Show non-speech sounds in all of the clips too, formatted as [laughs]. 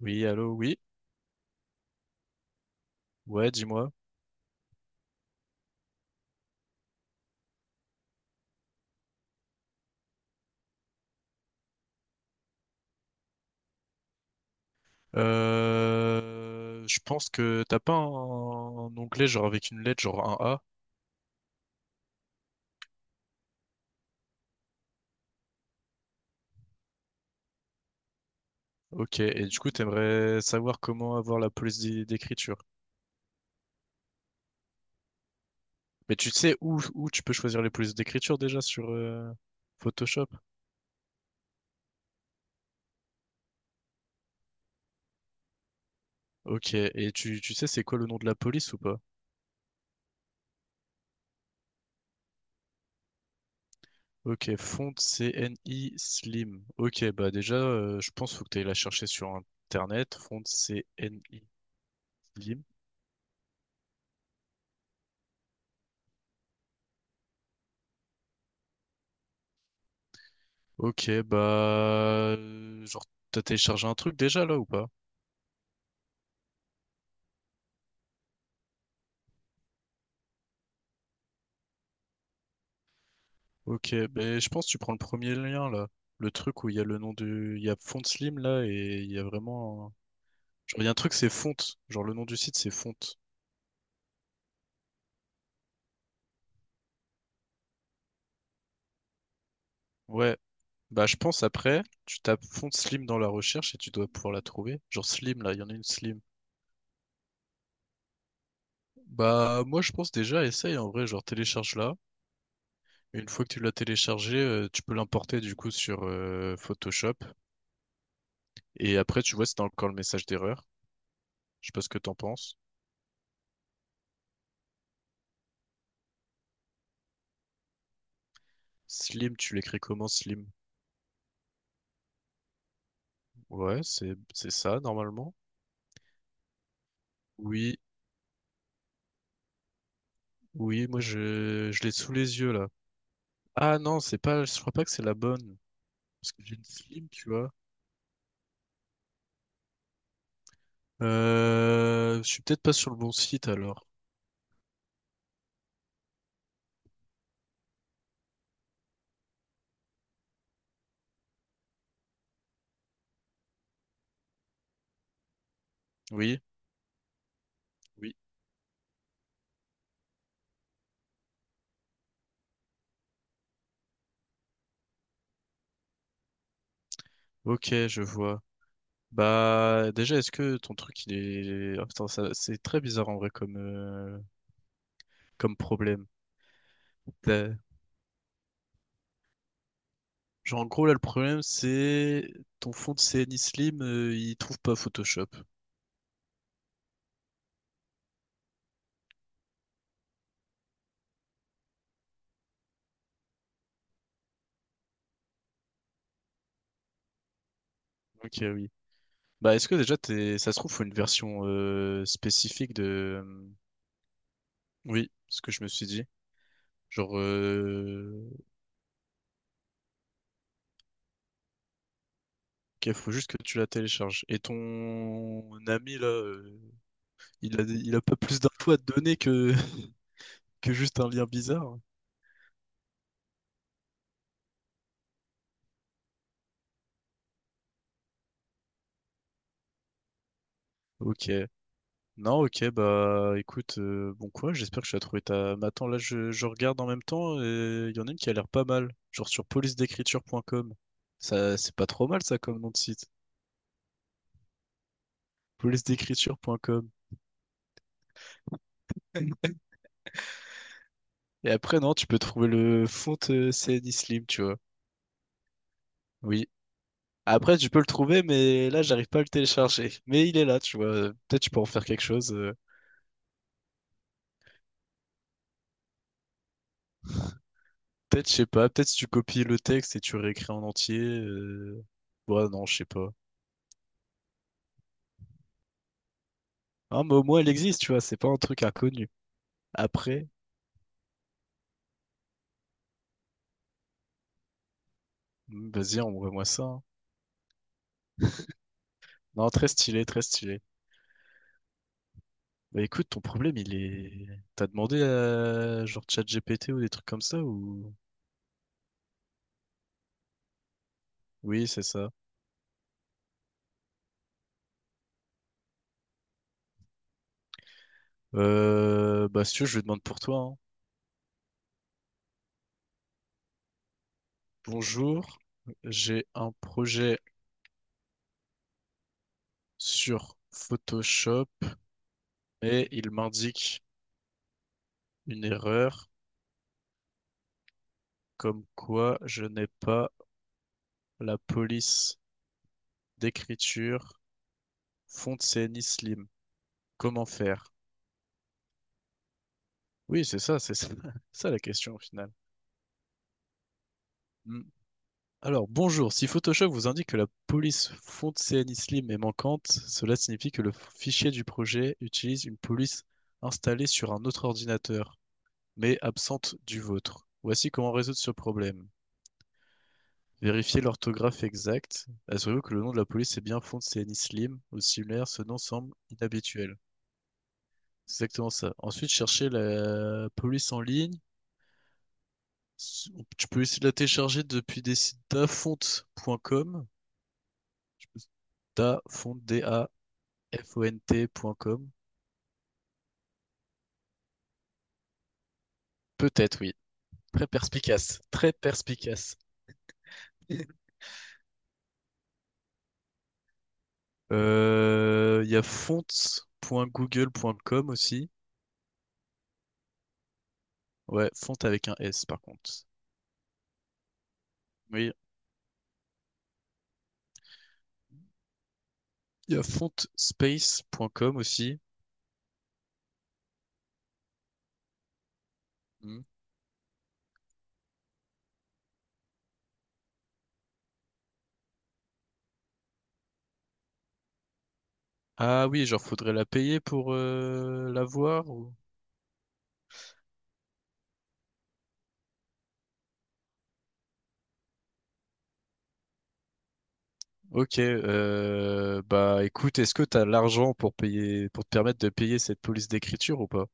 Oui, allô, oui. Ouais, dis-moi. Je pense que t'as pas un onglet genre avec une lettre, genre un A. Ok, et du coup, t'aimerais savoir comment avoir la police d'écriture. Mais tu sais où tu peux choisir les polices d'écriture déjà sur Photoshop? Ok, et tu sais c'est quoi le nom de la police ou pas? Ok, font CNI Slim. Ok, bah déjà, je pense faut que t'ailles la chercher sur Internet, font CNI Slim. Ok, bah, genre, t'as téléchargé un truc déjà, là, ou pas? Ok, ben je pense que tu prends le premier lien, là. Le truc où il y a le nom du... il y a Font Slim, là, et il y a vraiment genre, il y a un truc, c'est Font. Genre, le nom du site, c'est Font. Ouais, bah je pense après, tu tapes Font Slim dans la recherche et tu dois pouvoir la trouver. Genre Slim, là, il y en a une Slim. Bah moi je pense déjà, essaye en vrai, genre télécharge là. Une fois que tu l'as téléchargé, tu peux l'importer du coup sur Photoshop. Et après tu vois si t'as encore le message d'erreur. Je sais pas ce que t'en penses. Slim, tu l'écris comment Slim? Ouais, c'est ça normalement. Oui, oui, moi je l'ai sous les yeux là. Ah non, c'est pas, je crois pas que c'est la bonne. Parce que j'ai une Slim, tu vois. Je suis peut-être pas sur le bon site alors. Oui, oui. Ok, je vois. Bah, déjà, est-ce que ton truc, il est... ah, putain, c'est très bizarre en vrai comme, comme problème. T'as- Genre, en gros, là, le problème, c'est ton fond de CNI Slim, il trouve pas Photoshop. Ok, oui. Bah, est-ce que déjà, t'es... ça se trouve, faut une version spécifique de... Oui, ce que je me suis dit. Genre, ok, faut juste que tu la télécharges. Et ton ami, là, il a pas plus d'infos à te donner que... [laughs] que juste un lien bizarre. Ok. Non, ok, bah écoute, bon quoi, j'espère que tu as trouvé ta... Mais attends, là je regarde en même temps et il y en a une qui a l'air pas mal, genre sur police-d'écriture.com. Ça, c'est pas trop mal ça comme nom de site, police-d'écriture.com. Et après, non, tu peux trouver le font, CNI Slim, tu vois. Oui. Après, tu peux le trouver, mais là, j'arrive pas à le télécharger. Mais il est là, tu vois. Peut-être tu peux en faire quelque chose. Peut-être, je sais pas. Peut-être si tu copies le texte et tu réécris en entier. Ouais, non, je sais pas. Hein, mais au moins, elle existe, tu vois. C'est pas un truc inconnu. Après, vas-y, envoie-moi ça, hein. Non, très stylé, très stylé. Bah écoute, ton problème, il est... T'as demandé à genre ChatGPT ou des trucs comme ça ou... Oui, c'est ça. Bah si tu veux, je lui demande pour toi, hein. Bonjour, j'ai un projet sur Photoshop et il m'indique une erreur comme quoi je n'ai pas la police d'écriture Fontaine Slim. Comment faire? Oui, c'est ça, [laughs] ça la question au final. Hmm. Alors, bonjour. Si Photoshop vous indique que la police fond CNI Slim est manquante, cela signifie que le fichier du projet utilise une police installée sur un autre ordinateur, mais absente du vôtre. Voici comment résoudre ce problème. Vérifiez l'orthographe exacte. Assurez-vous que le nom de la police est bien font CNI Slim ou similaire, ce nom semble inhabituel. C'est exactement ça. Ensuite, cherchez la police en ligne. Tu peux essayer de la télécharger depuis des sites dafont.com. Tu peux- Dafont, font.com. Peut-être, oui. Très perspicace. Très perspicace. [laughs] Il y a font.google.com aussi. Ouais, font avec un S par contre. Oui. Il y a fontspace.com aussi. Hmm. Ah oui, genre faudrait la payer pour, la voir ou... Ok, bah écoute, est-ce que t'as l'argent pour payer, pour te permettre de payer cette police d'écriture ou pas?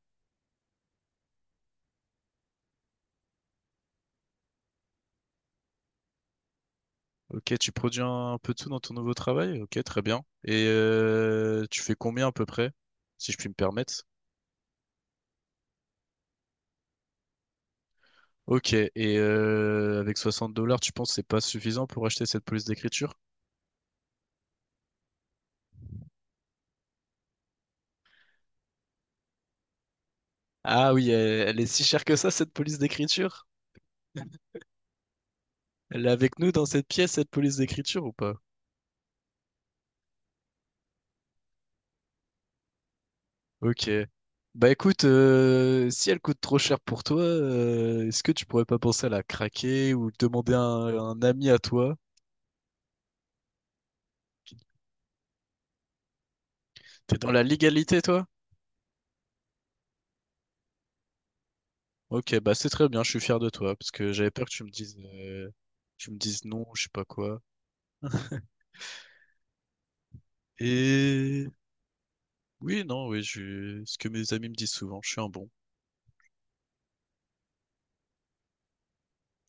Ok, tu produis un peu de tout dans ton nouveau travail? Ok, très bien. Et tu fais combien à peu près, si je puis me permettre? Ok, et avec 60 dollars, tu penses que c'est pas suffisant pour acheter cette police d'écriture? Ah oui, elle est si chère que ça, cette police d'écriture? Elle est avec nous dans cette pièce, cette police d'écriture ou pas? Ok. Bah écoute, si elle coûte trop cher pour toi, est-ce que tu pourrais pas penser à la craquer ou demander à un ami à toi? T'es dans la légalité, toi? Ok, bah c'est très bien, je suis fier de toi, parce que j'avais peur que tu me dises, tu me dises non, je sais pas quoi. [laughs] Et oui, non, oui, je... ce que mes amis me disent souvent, je suis un bon.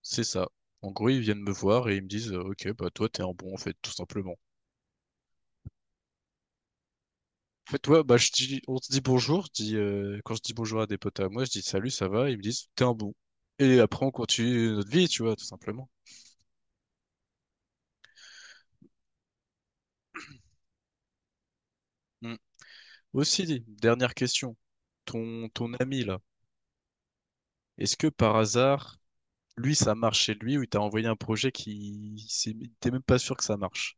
C'est ça. En gros, ils viennent me voir et ils me disent, ok, bah toi t'es un bon en fait, tout simplement. En fait, ouais, bah je dis, on se dit bonjour, je dis, quand je dis bonjour à des potes à moi, je dis salut, ça va, ils me disent t'es un bon. Et après on continue notre vie, tu vois, tout simplement. Mm. Aussi, dernière question, ton ami là, est-ce que par hasard lui, ça marche chez lui, ou il t'a envoyé un projet qui, il t'es même pas sûr que ça marche.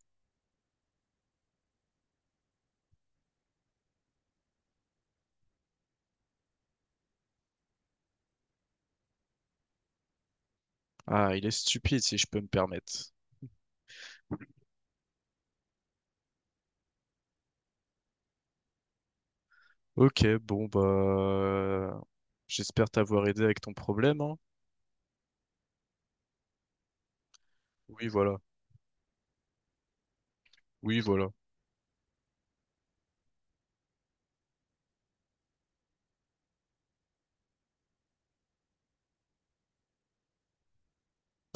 Ah, il est stupide, si je peux me permettre. Ok, bon, bah, j'espère t'avoir aidé avec ton problème, hein. Oui, voilà. Oui, voilà.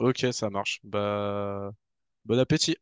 Ok, ça marche. Bah, bon appétit.